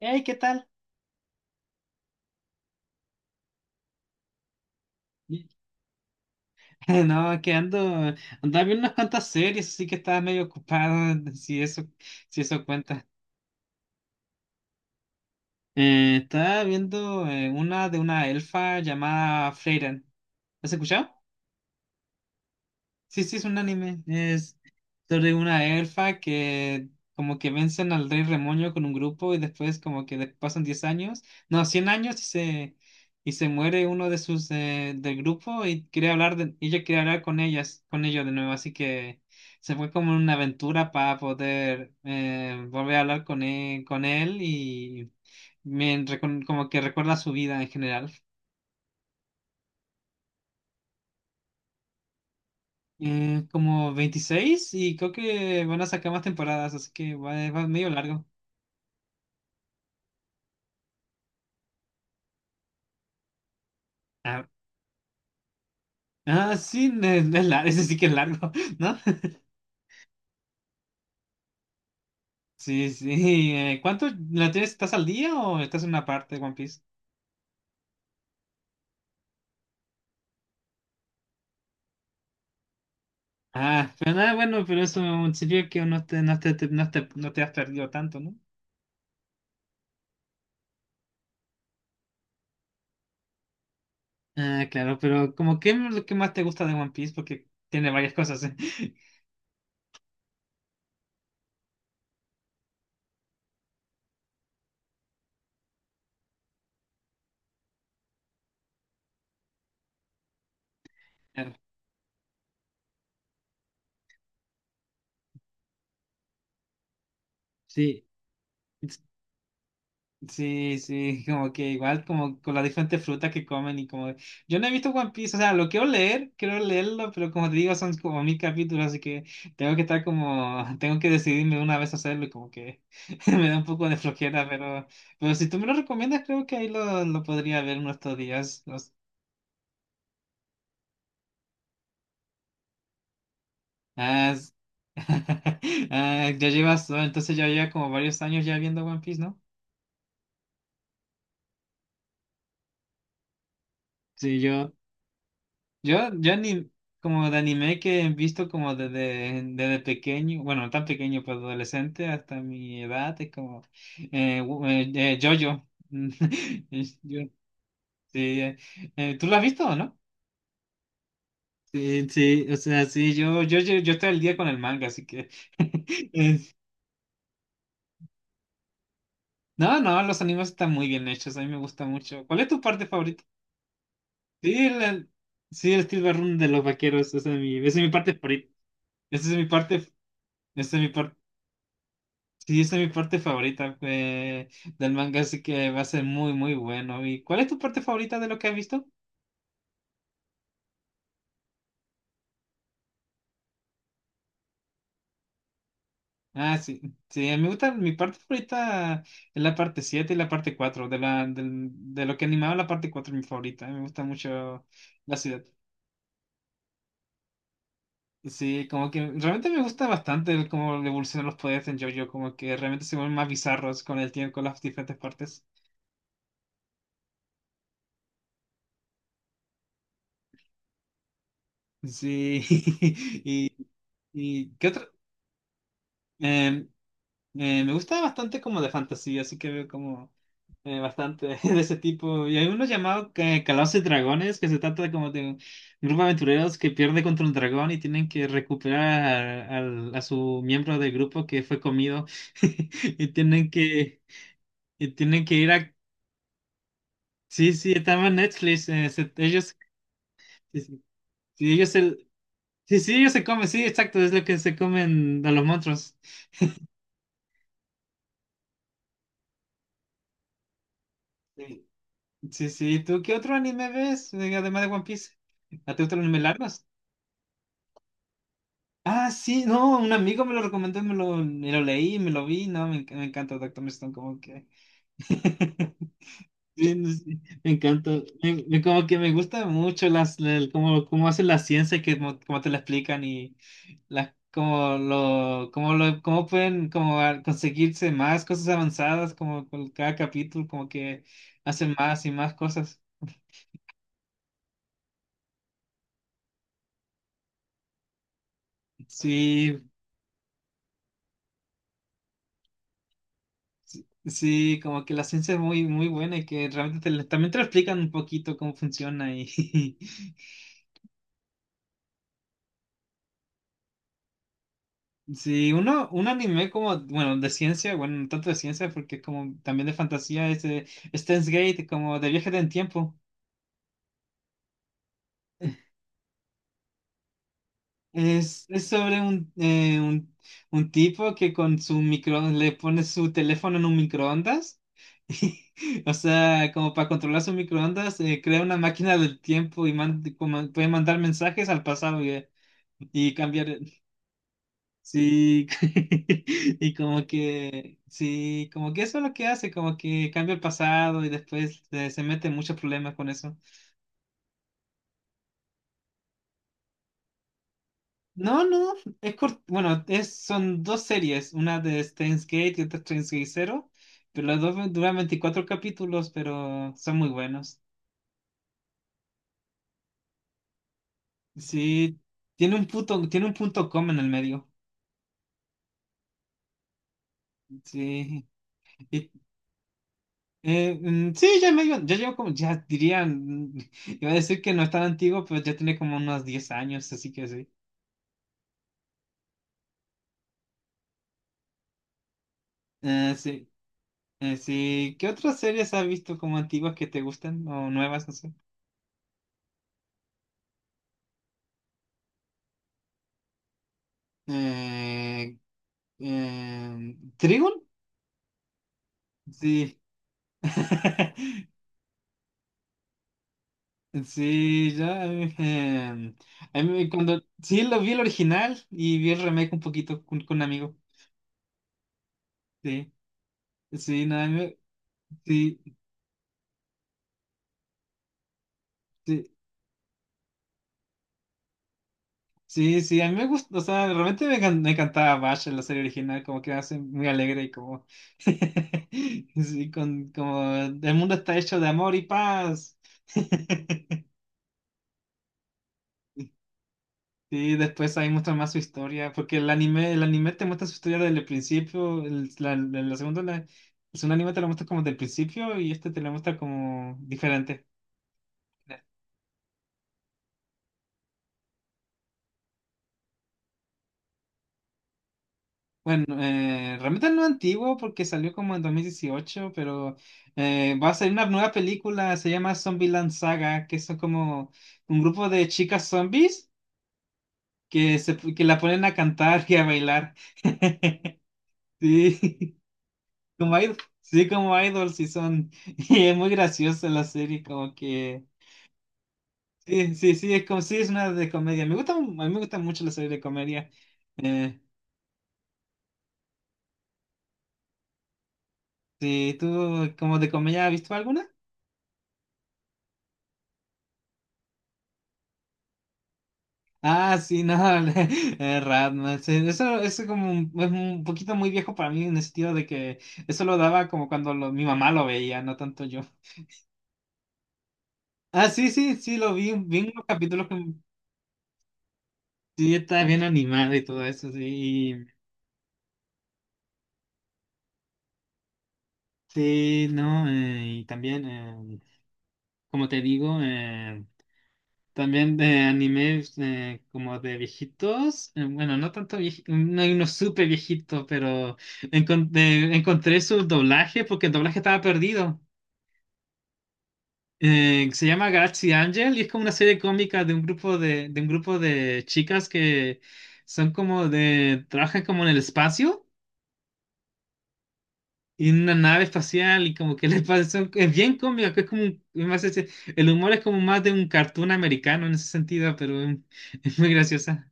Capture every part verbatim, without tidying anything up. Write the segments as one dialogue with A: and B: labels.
A: Hey, ¿qué tal? No, que ando, andaba viendo unas cuantas series, así que estaba medio ocupado, si eso, si eso cuenta. Eh, estaba viendo eh, una de una elfa llamada Freyren. ¿Has escuchado? Sí, sí, es un anime. Es sobre una elfa que como que vencen al rey Remoño con un grupo y después como que de- pasan diez años, no, cien años y se, y se muere uno de sus eh, del grupo y quería hablar de, ella quería hablar con ellas, con ellos de nuevo, así que se fue como en una aventura para poder eh, volver a hablar con él, con él y me, recon- como que recuerda su vida en general. Eh, como veintiséis y creo que van a sacar más temporadas, así que va, va medio largo. Ah, ah, sí, no es- no es lar- ese sí que es largo, ¿no? Sí, sí. Eh, ¿cuánto la tienes? ¿Estás al día o estás en una parte de One Piece? Ah, pero nada, bueno, pero eso sirvió que no te, no te, te- no te, no te has perdido tanto, ¿no? Ah, claro, pero como qué es lo que más te gusta de One Piece, porque tiene varias cosas, ¿eh? Claro. Sí. Sí, sí, como que igual, como con las diferentes frutas que comen y como... Yo no he visto One Piece, o sea, lo quiero leer, quiero leerlo, pero como te digo, son como mil capítulos, así que tengo que estar como... Tengo que decidirme una vez a hacerlo y como que me da un poco de flojera, pero... Pero si tú me lo recomiendas, creo que ahí lo, lo podría ver en estos días. Los... Ah, es- Ah, ya llevas, entonces ya lleva como varios años ya viendo One Piece, ¿no? Sí, yo... Yo, yo ni como de anime que he visto como desde, desde pequeño, bueno, no tan pequeño, pero adolescente hasta mi edad, es como eh, wo- eh, eh, JoJo. Es- yo- sí, eh, eh, ¿tú lo has visto o no? Sí, sí, o sea, sí, yo, yo, yo, yo estoy al día con el manga, así que... es- no, no, los animes están muy bien hechos, a mí me gusta mucho. ¿Cuál es tu parte favorita? Sí, el, sí, el Steel Run de los vaqueros, esa es mi, esa es mi parte favorita. Esa es mi parte... Esa es mi parte. Sí, esa es mi parte favorita eh, del manga, así que va a ser muy, muy bueno. ¿Y cuál es tu parte favorita de lo que has visto? Ah, sí, sí, me gusta, mi parte favorita es la parte siete y la parte cuatro de, la, del- de lo que animaba la parte cuatro es mi favorita, me gusta mucho la ciudad. Sí, como que realmente me gusta bastante el cómo evolucionan los poderes en JoJo, como que realmente se vuelven más bizarros con el tiempo, con las diferentes partes. Sí, y... ¿Y qué otra? Em, Eh, me gusta bastante como de fantasía, así que veo como eh, bastante de ese tipo. Y hay uno llamado que Calabozos y Dragones, que se trata como de un grupo de aventureros que pierde contra un dragón y tienen que recuperar al- a su miembro del grupo que fue comido. Y tienen que, y tienen que ir a... Sí, sí, estaba en Netflix. Eh, se- ellos, sí, sí, sí, ellos se... Sí, sí, ellos se comen, sí, exacto, es lo que se comen a los monstruos. Sí, sí. ¿Tú qué otro anime ves? eh, Además de One Piece. ¿A ti te gustan los animes largos? Ah, sí, no, un amigo me lo recomendó, me lo, me lo leí, me lo vi. No, me, enc- me encanta Doctor Stone, como que. Sí, no sé, me encanta. Me- me- como que me gusta mucho las, el- como, como hacen la ciencia y que como, como te la explican y las como lo, como lo, cómo pueden como a- conseguirse más cosas avanzadas, como con cada capítulo, como que hacen más y más cosas. Sí, sí, como que la ciencia es muy, muy buena y que realmente te lo- también te lo explican un poquito cómo funciona y sí, uno, un anime como, bueno, de ciencia, bueno, no tanto de ciencia porque es como también de fantasía, es de Steins Gate, como de viaje en el tiempo. Es, es sobre un, eh, un, un tipo que con su micro le pone su teléfono en un microondas. O sea, como para controlar su microondas, eh, crea una máquina del tiempo y man- como puede mandar mensajes al pasado. Y cambiar, sí, y como que, sí, como que eso es lo que hace, como que cambia el pasado y después eh, se mete en muchos problemas con eso. No, no, es cort- bueno, es, son dos series, una de Steins Gate y otra Steins Gate Zero, pero las dos duran veinticuatro capítulos, pero son muy buenos. Sí, tiene un punto, tiene un punto com en el medio, sí, y Eh, mm, sí, ya medio, ya llevo como, ya dirían, iba a decir que no es tan antiguo, pero ya tiene como unos diez años, así que sí. Eh, sí, eh, sí. ¿Qué otras series has visto como antiguas que te gustan o nuevas, no sé? Eh, eh, ¿Trigon? Sí. Sí, ya. Eh, a mí cuando, sí, lo vi el original y vi el remake un poquito con, con un amigo. Sí, sí, nada, me- sí. Sí. Sí, sí, a mí me gusta, o sea, realmente me, can- me encantaba Bash en la serie original, como que me hace muy alegre y como, sí, con, como el mundo está hecho de amor y paz. Sí, después ahí muestra más su historia, porque el anime, el anime te muestra su historia desde el principio, el, la, la- la segunda, la- el segundo anime te lo muestra como del principio y este te lo muestra como diferente. Bueno, eh, realmente no es antiguo porque salió como en dos mil dieciocho pero eh, va a salir una nueva película, se llama Zombieland Saga, que son como un grupo de chicas zombies que, se, que la ponen a cantar y a bailar. Sí, como idol, sí, como idols sí son. Y es muy graciosa la serie, como que sí, sí, sí, es como sí es una de comedia. Me gusta, a mí me gusta mucho la serie de comedia. Eh, sí, ¿tú como de comedia has visto alguna? Ah, sí, no, eh, Ratman, sí, eso es como un, es un poquito muy viejo para mí en el sentido de que eso lo daba como cuando lo- mi mamá lo veía, no tanto yo. Ah, sí, sí, sí, lo vi, vi unos capítulos que sí está bien animado y todo eso, sí, y- sí, no, eh, y también, eh, como te digo, eh, también de animes eh, como de viejitos, eh, bueno, no tanto viejitos, no hay uno súper viejito, pero encon- eh, encontré su doblaje porque el doblaje estaba perdido. Eh, se llama Galaxy Angel y es como una serie cómica de un grupo de, de un grupo de chicas que son como de, trabajan como en el espacio y en una nave espacial y como que les pasa, son- es bien cómica, que es como, un- es más ese- el humor es como más de un cartoon americano en ese sentido, pero es, es muy graciosa.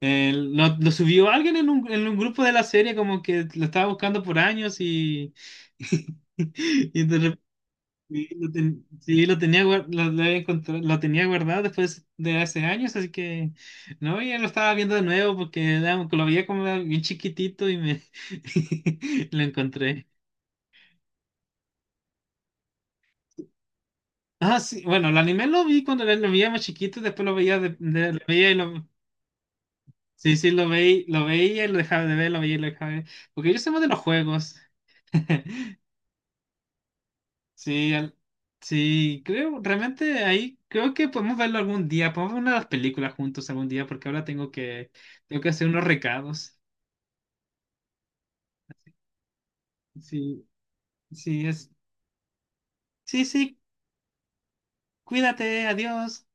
A: Eh, lo, lo subió alguien en un, en un grupo de la serie como que lo estaba buscando por años y, y, de. Sí, lo, ten- sí, lo tenía, guar- lo, lo había encontrado- lo tenía guardado después de hace años, así que no, ya lo estaba viendo de nuevo porque era- lo veía como bien chiquitito y me lo encontré. Ah, sí, bueno, el anime lo vi cuando lo veía más chiquito, después lo veía, de, de- lo veía y lo... Sí, sí, lo veía, lo veía y lo dejaba de ver, lo veía y lo dejaba de ver. Porque yo soy más de los juegos. Sí, al- sí, creo, realmente ahí creo que podemos verlo algún día, podemos ver una de las películas juntos algún día, porque ahora tengo que, tengo que hacer unos recados. Sí, sí, es, sí, sí, cuídate, adiós.